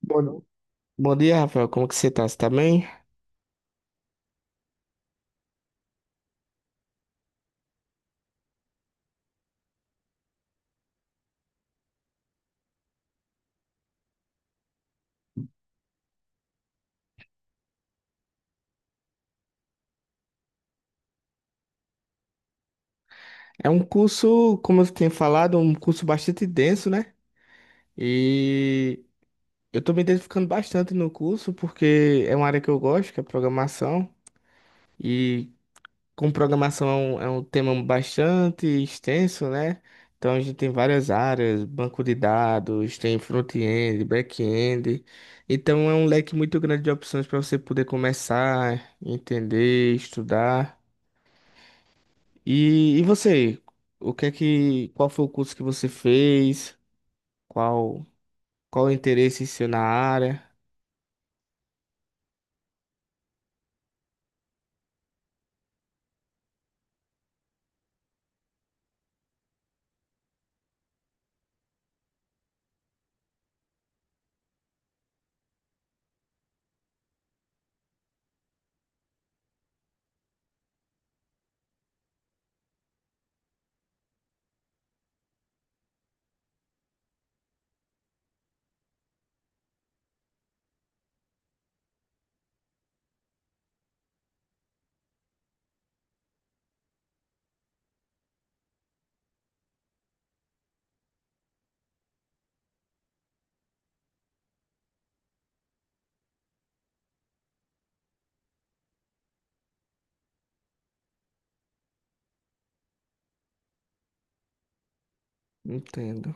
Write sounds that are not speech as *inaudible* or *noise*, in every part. Bom, bom dia, Rafael. Como que você tá? Você tá bem? É um curso, como eu tenho falado, um curso bastante denso, né? E eu tô me identificando bastante no curso porque é uma área que eu gosto, que é programação. E com programação é um tema bastante extenso, né? Então a gente tem várias áreas, banco de dados, tem front-end, back-end. Então é um leque muito grande de opções para você poder começar, entender, estudar. E você? O que é que, qual foi o curso que você fez? Qual, qual o interesse seu na área? Entendo,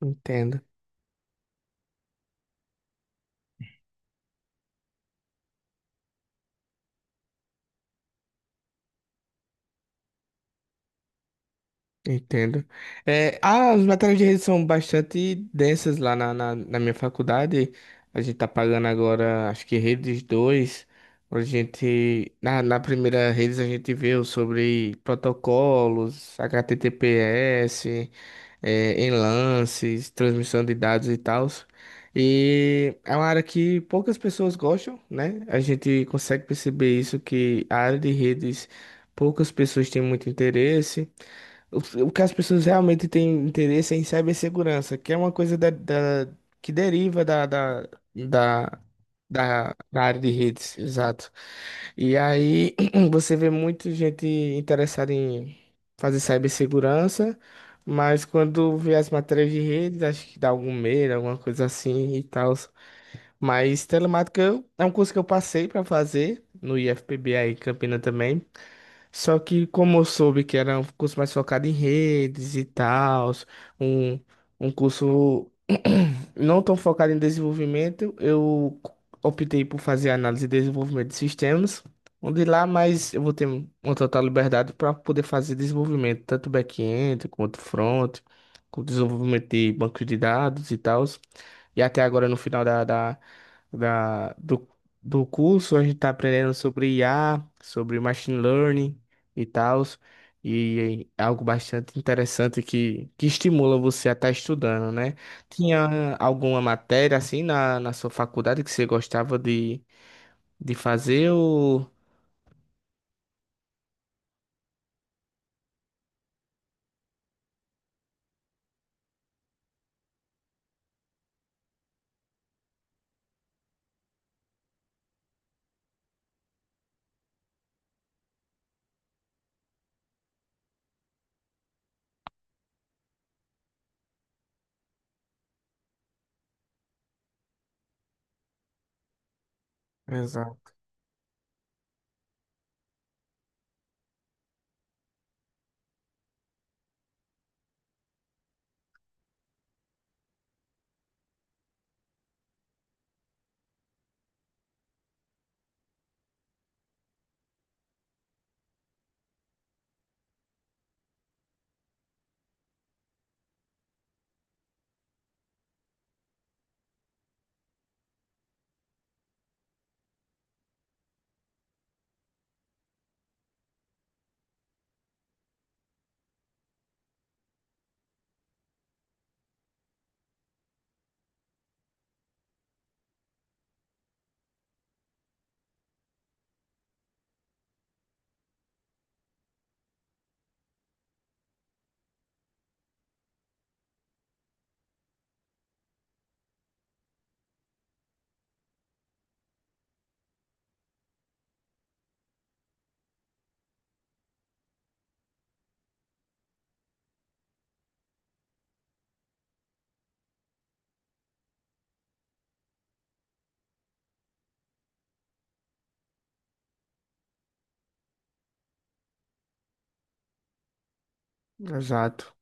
entendo. Entendo. É, as matérias de rede são bastante densas lá na minha faculdade. A gente tá pagando agora, acho que redes dois. A gente, na primeira redes a gente viu sobre protocolos, HTTPS, enlaces, transmissão de dados e tal. E é uma área que poucas pessoas gostam, né? A gente consegue perceber isso, que a área de redes, poucas pessoas têm muito interesse. O, o que as pessoas realmente têm interesse é em cibersegurança, que é uma coisa da, da- que deriva da, da, da, da, da área de redes, exato. E aí *clears throat* você vê muita gente interessada em fazer cibersegurança, mas quando vê as matérias de redes, acho que dá algum medo, alguma coisa assim e tal. Mas é um curso que eu passei para fazer no IFPB aí, em Campina também. Só que como eu soube que era um curso mais focado em redes e tal, um, um curso *clears throat* não tão focado em desenvolvimento, eu optei por fazer análise e desenvolvimento de sistemas, onde lá mais eu vou ter uma total liberdade para poder fazer desenvolvimento, tanto back-end quanto front, com desenvolvimento de banco de dados e tal. E até agora no final da- do, do curso a gente está aprendendo sobre IA, sobre machine learning e tal. E é algo bastante interessante que estimula você a estar estudando, né? Tinha alguma matéria assim na sua faculdade que você gostava de fazer ou... Exato. Exato.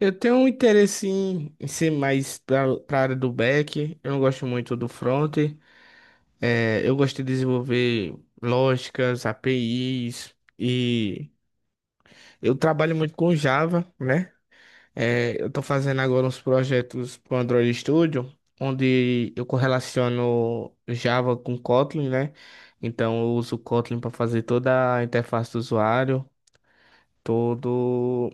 Eu tenho um interesse em ser mais para a área do back. Eu não gosto muito do front. Eu gosto de desenvolver lógicas, APIs e eu trabalho muito com Java, né? Eu estou fazendo agora uns projetos para o Android Studio, onde eu correlaciono Java com Kotlin, né? Então eu uso Kotlin para fazer toda a interface do usuário, todo,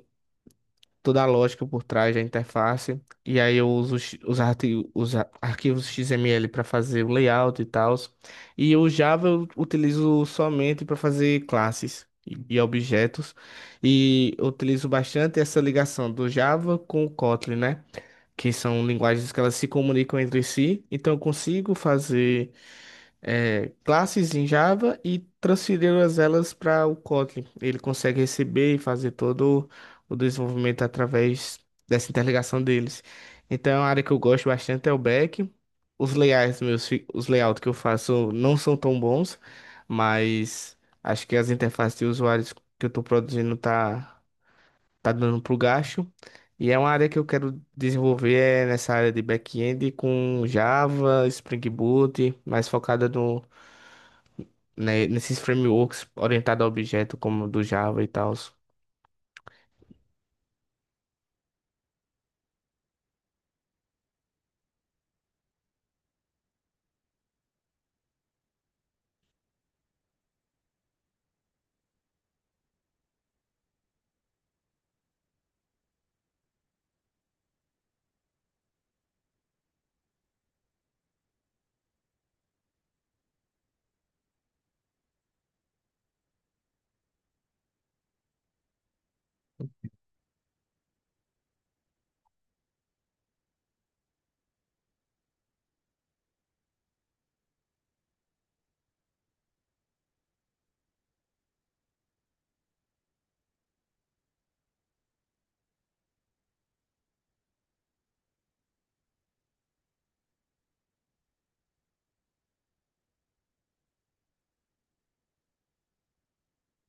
toda a lógica por trás da interface. E aí eu uso os arquivos XML para fazer o layout e tal. E o Java eu utilizo somente para fazer classes e objetos. E eu utilizo bastante essa ligação do Java com o Kotlin, né? Que são linguagens que elas se comunicam entre si. Então, eu consigo fazer classes em Java e transferi-las elas para o Kotlin. Ele consegue receber e fazer todo o desenvolvimento através dessa interligação deles. Então, a área que eu gosto bastante é o back. Os layouts que eu faço não são tão bons, mas acho que as interfaces de usuários que eu estou produzindo tá dando pro gasto. E é uma área que eu quero desenvolver é nessa área de back-end com Java, Spring Boot, mais focada no, né, nesses frameworks orientado a objeto como do Java e tal.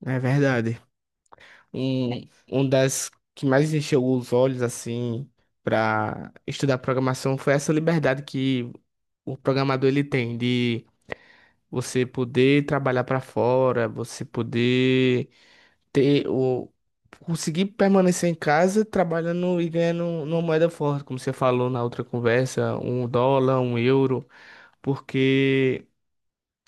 É verdade. Um das que mais encheu os olhos assim para estudar programação foi essa liberdade que o programador ele tem de você poder trabalhar para fora, você poder ter o conseguir permanecer em casa trabalhando e ganhando uma moeda forte, como você falou na outra conversa, um dólar, um euro, porque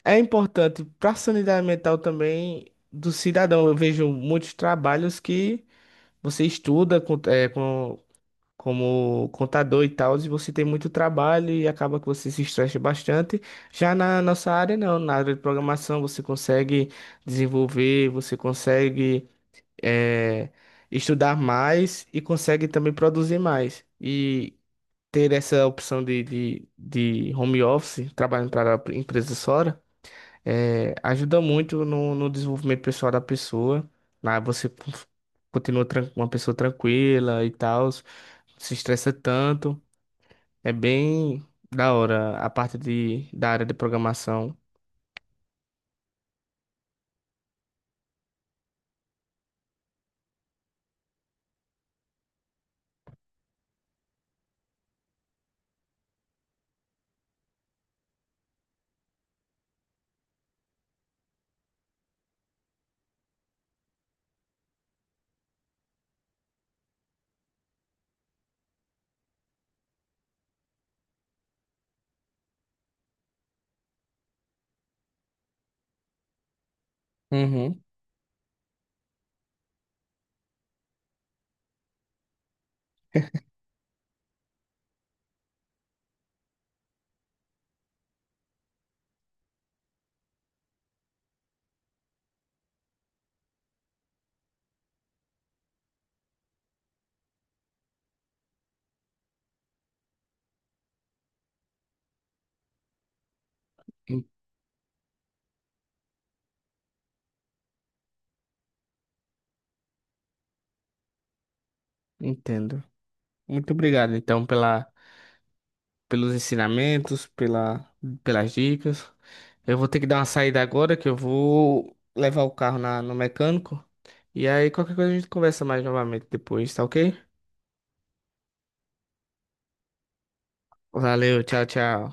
é importante para a sanidade mental também do cidadão. Eu vejo muitos trabalhos que você estuda como contador e tal, e você tem muito trabalho e acaba que você se estressa bastante. Já na nossa área, não. Na área de programação, você consegue desenvolver, você consegue é, estudar mais e consegue também produzir mais. E ter essa opção de home office, trabalhando para a empresa Sora, ajuda muito no desenvolvimento pessoal da pessoa. Lá você continua uma pessoa tranquila e tal, se estressa tanto. É bem da hora a parte da área de programação. Uhum. En- Entendo. Muito obrigado, então, pela pelos ensinamentos, pelas dicas. Eu vou ter que dar uma saída agora, que eu vou levar o carro no mecânico. E aí, qualquer coisa a gente conversa mais novamente depois, tá ok? Valeu, tchau, tchau.